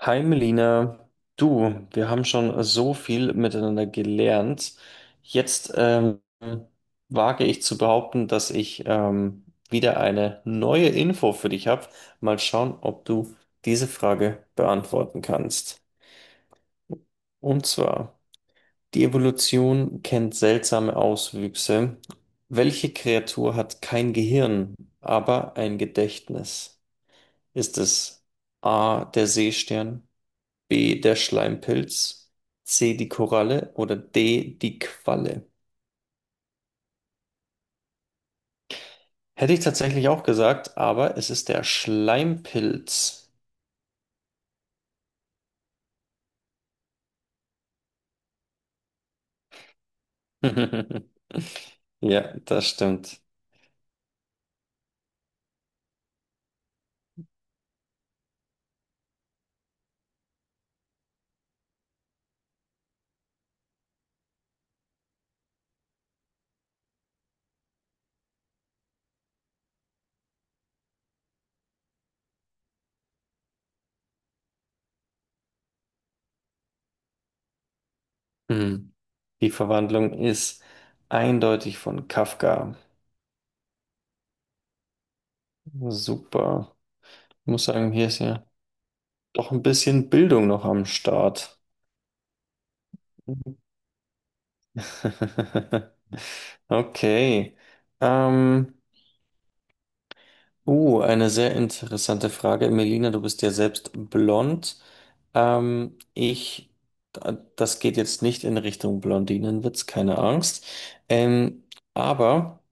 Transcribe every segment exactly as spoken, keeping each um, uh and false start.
Hi Melina, du, wir haben schon so viel miteinander gelernt. Jetzt ähm, wage ich zu behaupten, dass ich ähm, wieder eine neue Info für dich habe. Mal schauen, ob du diese Frage beantworten kannst. Und zwar, die Evolution kennt seltsame Auswüchse. Welche Kreatur hat kein Gehirn, aber ein Gedächtnis? Ist es A, der Seestern? B, der Schleimpilz, C, die Koralle oder D, die Qualle. Hätte ich tatsächlich auch gesagt, aber es ist der Schleimpilz. Ja, das stimmt. Hm. Die Verwandlung ist eindeutig von Kafka. Super. Ich muss sagen, hier ist ja doch ein bisschen Bildung noch am Start. Okay. Ähm, Oh, eine sehr interessante Frage. Melina, du bist ja selbst blond. Ähm, ich, da- Das geht jetzt nicht in Richtung Blondinenwitz, keine Angst. Ähm, aber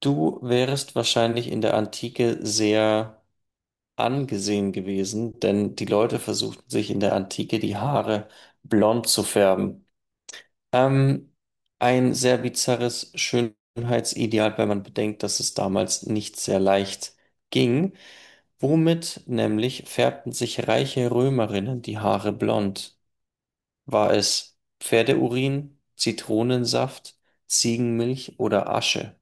du wärest wahrscheinlich in der Antike sehr angesehen gewesen, denn die Leute versuchten sich in der Antike die Haare blond zu färben. Ähm, ein sehr bizarres Schönheitsideal, wenn man bedenkt, dass es damals nicht sehr leicht ging. Womit nämlich färbten sich reiche Römerinnen die Haare blond? War es Pferdeurin, Zitronensaft, Ziegenmilch oder Asche?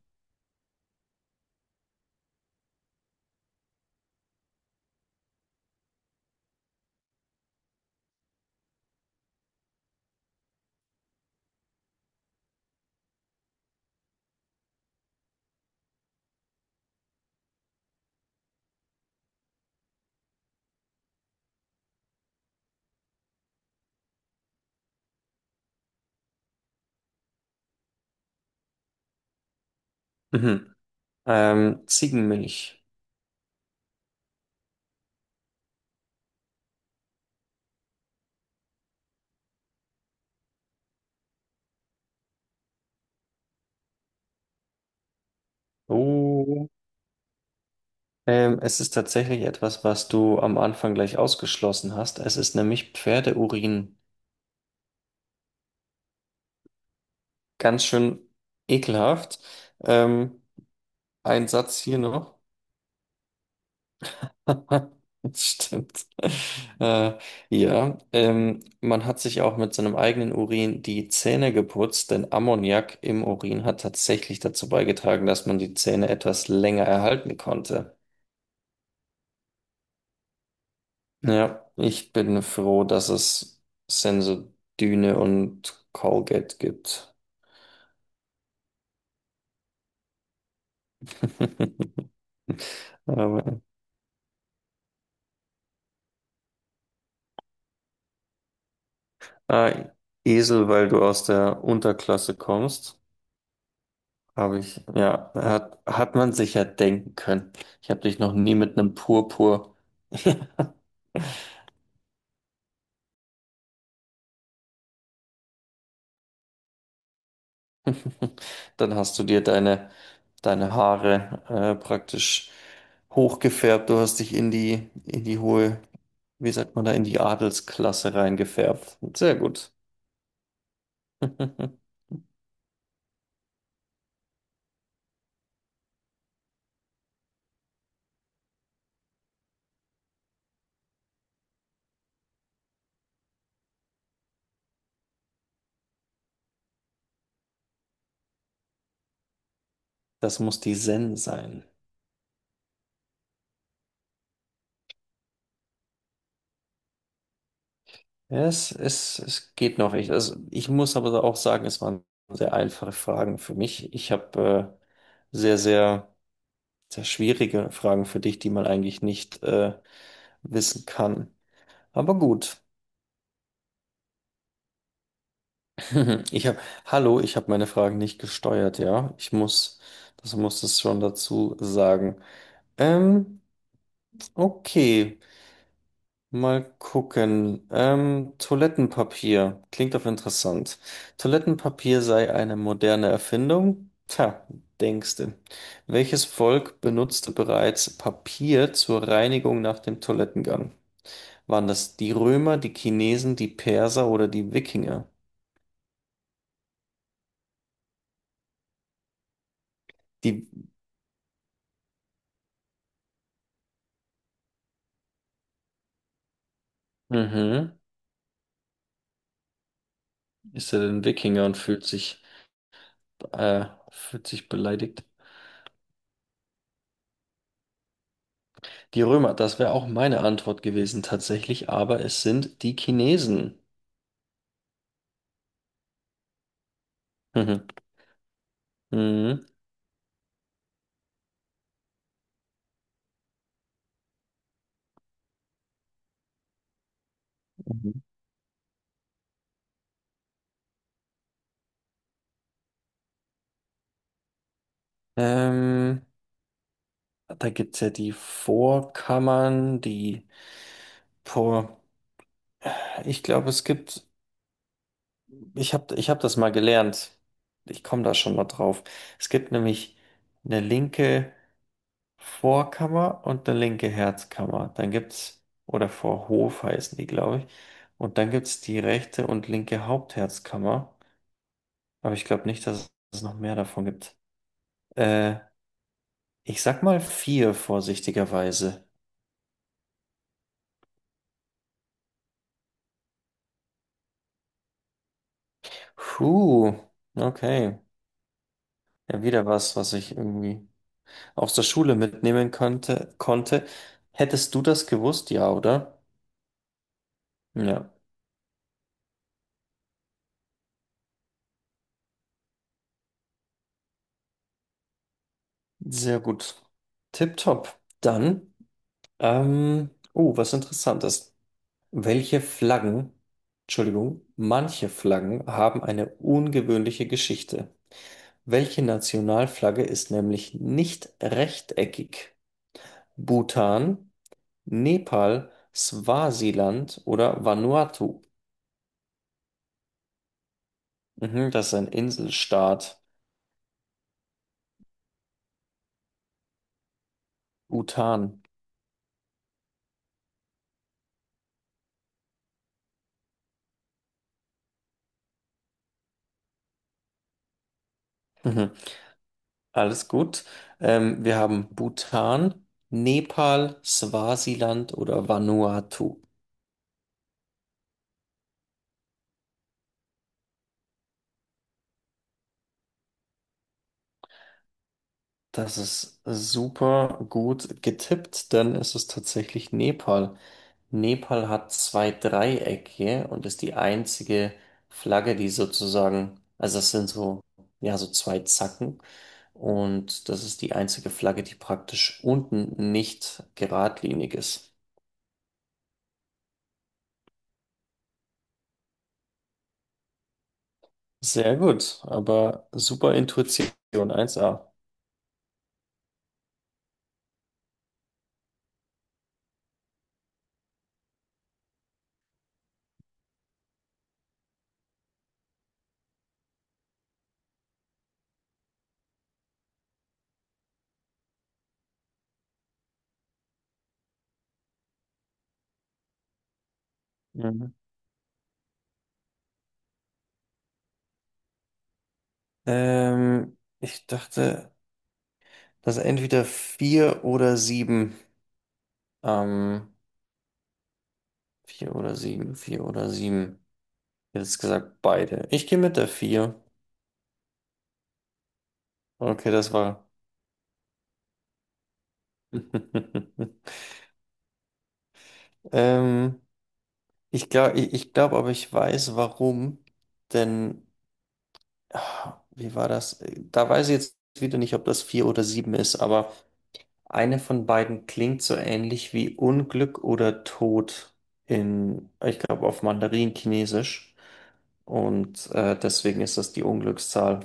Mhm. Ähm, Ziegenmilch. Oh. Ähm, es ist tatsächlich etwas, was du am Anfang gleich ausgeschlossen hast. Es ist nämlich Pferdeurin. Ganz schön ekelhaft. Ähm, ein Satz hier noch. Das stimmt. Äh, ja, ähm, man hat sich auch mit seinem eigenen Urin die Zähne geputzt, denn Ammoniak im Urin hat tatsächlich dazu beigetragen, dass man die Zähne etwas länger erhalten konnte. Ja, ich bin froh, dass es Sensodyne und Colgate gibt. Aber, ah, Esel, weil du aus der Unterklasse kommst. Habe ich, ja, hat, hat man sich ja denken können. Ich habe dich noch nie mit einem Purpur. Dann hast du dir deine, deine Haare äh, praktisch hochgefärbt. Du hast dich in die, in die hohe, wie sagt man da, in die Adelsklasse reingefärbt. Sehr gut. Das muss die Zen sein. Ja, es, es, es geht noch. Ich, also ich muss aber auch sagen, es waren sehr einfache Fragen für mich. Ich habe äh, sehr, sehr. sehr schwierige Fragen für dich, die man eigentlich nicht äh, wissen kann. Aber gut. Ich habe, hallo, ich habe meine Fragen nicht gesteuert, ja. Ich muss, das muss es schon dazu sagen. Ähm, okay, mal gucken. Ähm, Toilettenpapier klingt doch interessant. Toilettenpapier sei eine moderne Erfindung? Tja, denkste. Welches Volk benutzte bereits Papier zur Reinigung nach dem Toilettengang? Waren das die Römer, die Chinesen, die Perser oder die Wikinger? Die, mhm. Ist er denn Wikinger und fühlt sich, äh, fühlt sich beleidigt? Die Römer, das wäre auch meine Antwort gewesen tatsächlich, aber es sind die Chinesen. Mhm. Mhm. Mhm. Ähm, Da gibt es ja die Vorkammern, die Vor. Ich glaube, es gibt, ich habe ich hab das mal gelernt. Ich komme da schon mal drauf. Es gibt nämlich eine linke Vorkammer und eine linke Herzkammer. Dann gibt's, oder Vorhof heißen die, glaube ich. Und dann gibt's die rechte und linke Hauptherzkammer. Aber ich glaube nicht, dass es noch mehr davon gibt. Äh, Ich sag mal vier vorsichtigerweise. Puh, okay. Ja, wieder was, was ich irgendwie aus der Schule mitnehmen könnte, konnte. Hättest du das gewusst? Ja, oder? Ja, sehr gut. Tipptopp. Dann, ähm, oh, was interessant ist. Welche Flaggen, Entschuldigung, manche Flaggen haben eine ungewöhnliche Geschichte. Welche Nationalflagge ist nämlich nicht rechteckig? Bhutan, Nepal, Swasiland oder Vanuatu? Mhm, das ist ein Inselstaat. Bhutan. Mhm, alles gut. Ähm, wir haben Bhutan, Nepal, Swasiland oder Vanuatu. Das ist super gut getippt, denn es ist tatsächlich Nepal. Nepal hat zwei Dreiecke und ist die einzige Flagge, die sozusagen, also das sind so, ja, so zwei Zacken. Und das ist die einzige Flagge, die praktisch unten nicht geradlinig ist. Sehr gut, aber super Intuition, eins a. Mhm. Ähm, ich dachte, dass entweder vier oder sieben. Ähm, Vier oder sieben, vier oder sieben. Jetzt gesagt beide. Ich gehe mit der vier. Okay, das war. Ähm, Ich glaube, ich, ich glaube, aber ich weiß warum. Denn, ah, wie war das? Da weiß ich jetzt wieder nicht, ob das vier oder sieben ist, aber eine von beiden klingt so ähnlich wie Unglück oder Tod in, ich glaube, auf Mandarin-Chinesisch. Und äh, deswegen ist das die Unglückszahl.